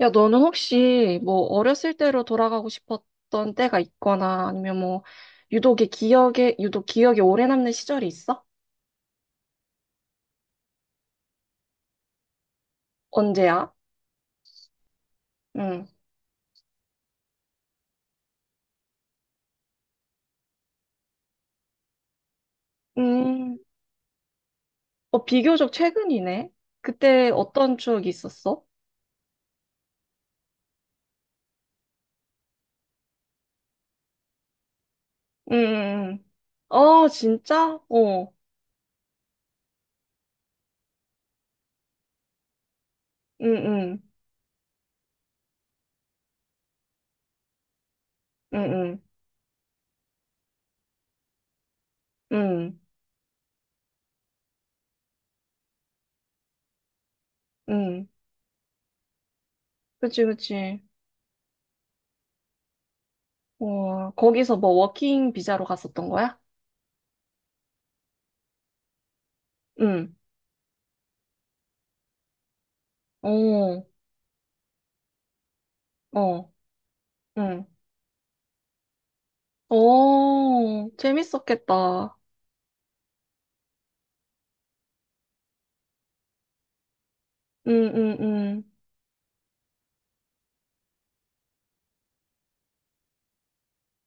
야, 너는 혹시 뭐 어렸을 때로 돌아가고 싶었던 때가 있거나 아니면 뭐 유독 기억에 오래 남는 시절이 있어? 언제야? 응. 음, 어, 비교적 최근이네. 그때 어떤 추억이 있었어? 응. 어, 진짜? 어. 응, 응. 응, 응. 응. 응. 그치, 그치. 어, 거기서 뭐 워킹 비자로 갔었던 거야? 응. 어. 어. 응. 오, 재밌었겠다. 응, 응, 응.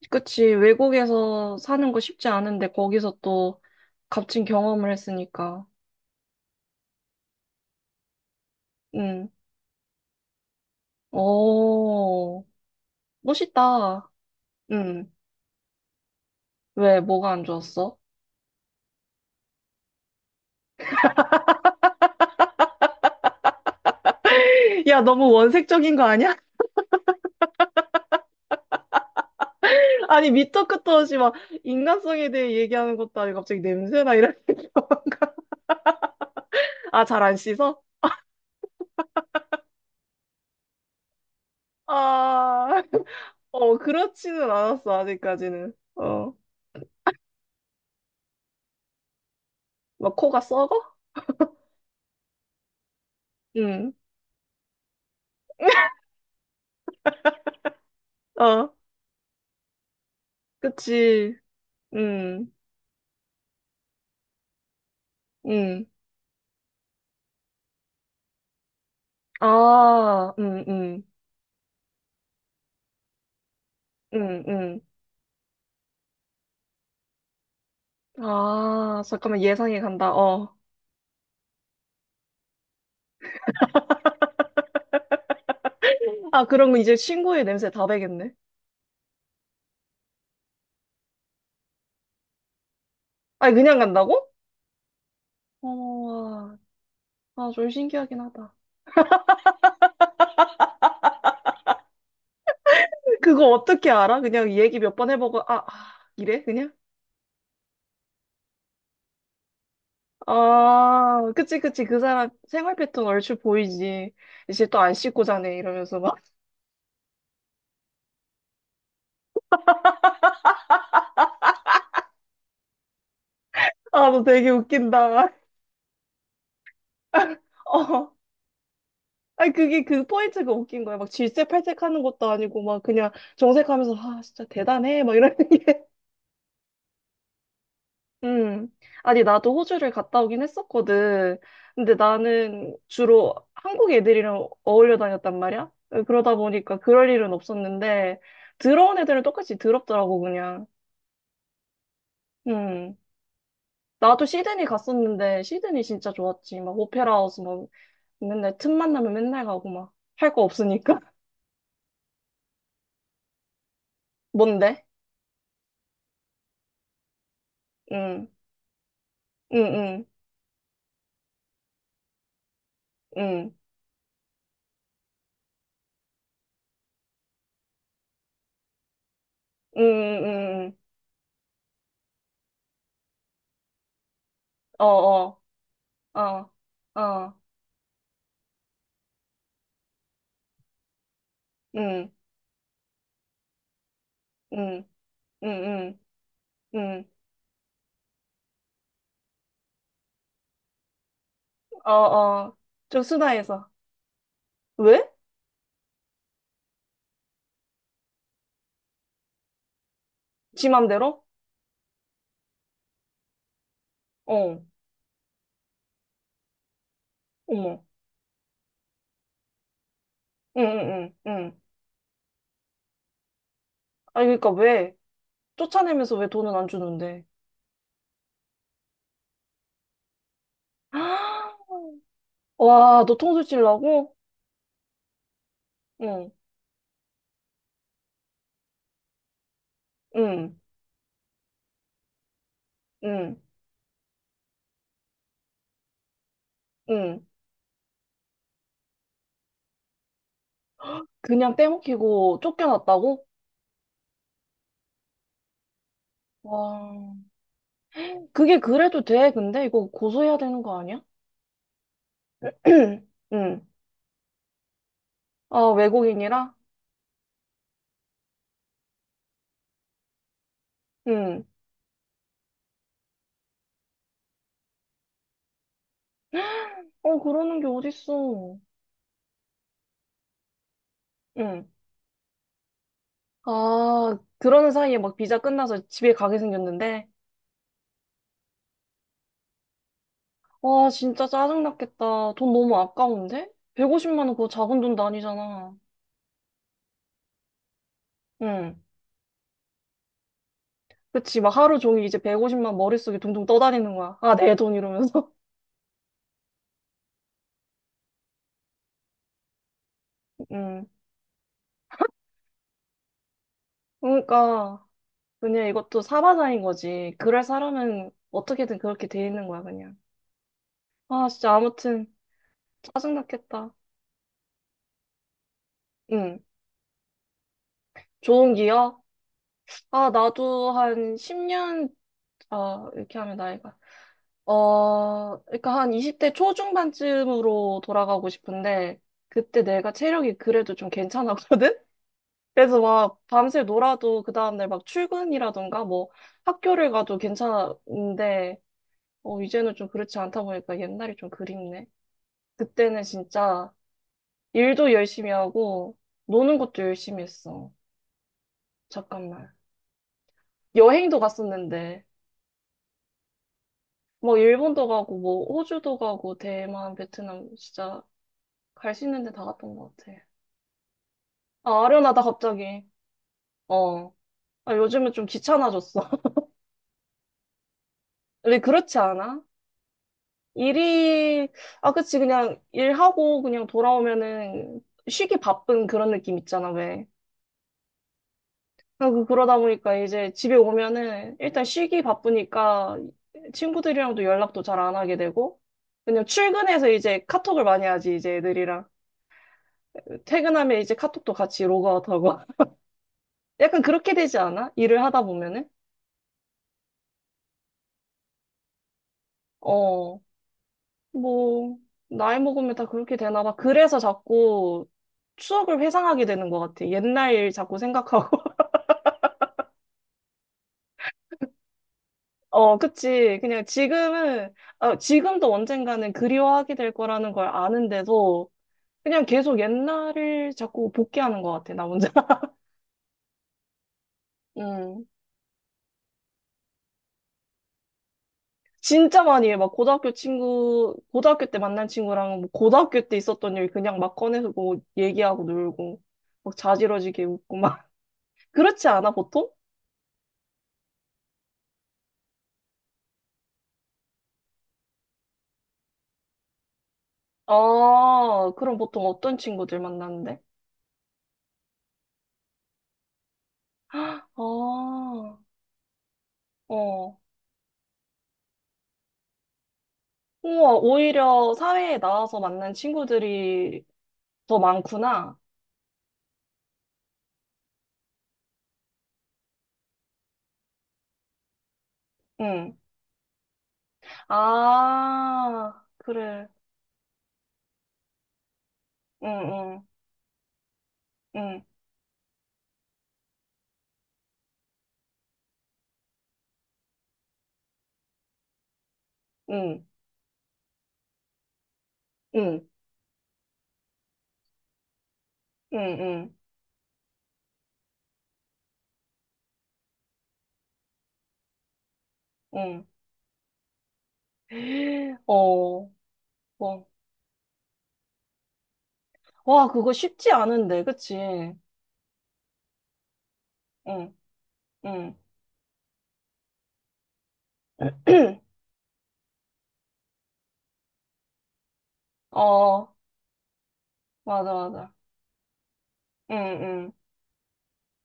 그치. 외국에서 사는 거 쉽지 않은데 거기서 또 값진 경험을 했으니까. 응. 오, 멋있다. 응. 왜, 뭐가 안 좋았어? 야, 너무 원색적인 거 아니야? 아니, 밑도 끝도 없이 막 인간성에 대해 얘기하는 것도 아니고 갑자기 냄새나 이런 아, 잘 안 씻어? 아, 어, 그렇지는 않았어, 아직까지는. 어, 막 코가 썩어? 응. 어, 그치. 응, 응. 아, 응, 응, 응, 응. 아, 잠깐만, 예상이 간다. 어. 아, 그럼 이제 친구의 냄새 다 배겠네. 아니, 그냥 간다고? 어, 아, 좀 신기하긴 하다. 그거 어떻게 알아? 그냥 얘기 몇 번 해보고, 아, 아, 이래? 그냥? 아, 그치, 그치. 그 사람 생활 패턴 얼추 보이지. 이제 또 안 씻고 자네. 이러면서 막. 아, 너 되게 웃긴다. 어. 아니 그게 그 포인트가 웃긴 거야. 막 질색팔색 하는 것도 아니고 막 그냥 정색하면서 아 진짜 대단해 막 이러는 게. 음. 아니 나도 호주를 갔다 오긴 했었거든. 근데 나는 주로 한국 애들이랑 어울려 다녔단 말이야. 어, 그러다 보니까 그럴 일은 없었는데 들어온 애들은 똑같이 더럽더라고 그냥. 음. 나도 시드니 갔었는데 시드니 진짜 좋았지. 막 오페라 하우스 막 맨날 틈만 나면 맨날 가고 막 할 거 없으니까. 뭔데? 응. 응, 응, 응. 음, 음, 음. 어, 어, 어, 어, 음, 음, 음, 음, 음, 어, 어, 좀 수다해서. 왜? 지 맘대로? 어, 어머, 응, 응, 응, 응. 아니, 그러니까 왜? 쫓아내면서 왜 돈은 안 주는데? 와, 너 통수 찔라고 응, 응, 응, 응. 그냥 떼먹히고 쫓겨났다고? 와, 그게 그래도 돼, 근데? 이거 고소해야 되는 거 아니야? 응. 아, 외국인이라? 응. 어, 그러는 게 어딨어. 응. 아, 그러는 사이에 막 비자 끝나서 집에 가게 생겼는데, 와, 진짜 짜증났겠다. 돈 너무 아까운데? 150만 원 그거 작은 돈도 아니잖아. 응. 그치, 막 하루 종일 이제 150만 머릿속에 둥둥 떠다니는 거야. 아, 내 돈 이러면서. 응. 그러니까, 그냥 이것도 사바사인 거지. 그럴 사람은 어떻게든 그렇게 돼 있는 거야, 그냥. 아, 진짜 아무튼 짜증났겠다. 응. 좋은 기억? 아, 나도 한 10년 아, 이렇게 하면 나이가. 어, 그러니까 한 20대 초중반쯤으로 돌아가고 싶은데, 그때 내가 체력이 그래도 좀 괜찮았거든? 그래서 막 밤새 놀아도 그 다음날 막 출근이라던가 뭐 학교를 가도 괜찮은데, 어, 이제는 좀 그렇지 않다 보니까 옛날이 좀 그립네. 그때는 진짜 일도 열심히 하고, 노는 것도 열심히 했어. 잠깐만. 여행도 갔었는데, 뭐 일본도 가고, 뭐 호주도 가고, 대만, 베트남, 진짜 갈 수 있는 데 다 갔던 것 같아. 아, 아련하다, 갑자기. 어. 아, 요즘은 좀 귀찮아졌어. 근데 그렇지 않아? 일이, 아, 그치. 그냥 일하고 그냥 돌아오면은 쉬기 바쁜 그런 느낌 있잖아, 왜. 아, 그러다 보니까 이제 집에 오면은 일단 쉬기 바쁘니까 친구들이랑도 연락도 잘 안 하게 되고, 그냥 출근해서 이제 카톡을 많이 하지, 이제 애들이랑. 퇴근하면 이제 카톡도 같이 로그아웃하고. 약간 그렇게 되지 않아? 일을 하다 보면은? 어. 뭐, 나이 먹으면 다 그렇게 되나 봐. 그래서 자꾸 추억을 회상하게 되는 것 같아. 옛날 일 자꾸 생각하고. 어, 그치. 그냥 지금은, 어 지금도 언젠가는 그리워하게 될 거라는 걸 아는데도 그냥 계속 옛날을 자꾸 복귀하는 것 같아, 나 혼자. 음. 진짜 많이 해. 막 고등학교 친구, 고등학교 때 만난 친구랑 뭐 고등학교 때 있었던 일 그냥 막 꺼내서 뭐 얘기하고 놀고, 막 자지러지게 웃고 막. 그렇지 않아, 보통? 아, 그럼 보통 어떤 친구들 만나는데? 아, 어. 우와, 오히려 사회에 나와서 만난 친구들이 더 많구나. 응. 아, 그래. 응, 응, 응, 응, 응, 응, 응. 어, 어. 와, 그거 쉽지 않은데, 그치? 응, 응. 어, 맞아, 맞아. 응, 응,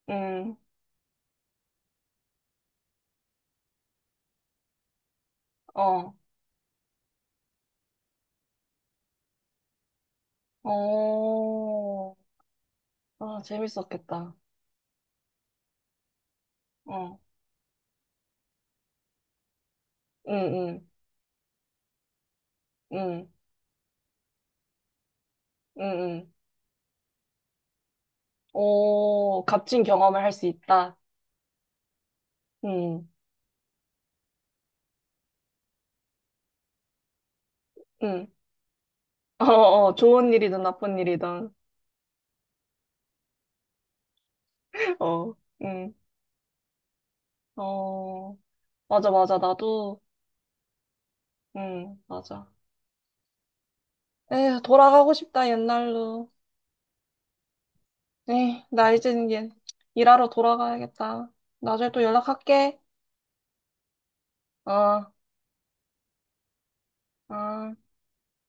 응. 어, 어. 아, 재밌었겠다. 어, 응, 응, 응, 응, 응. 오, 값진 경험을 할 수 있다. 응, 응. 어, 어, 좋은 일이든 나쁜 일이든. 어, 응. 어, 맞아, 맞아. 나도, 응, 맞아. 에, 돌아가고 싶다, 옛날로. 에, 나 이제 이제 일하러 돌아가야겠다. 나중에 또 연락할게. 어, 어.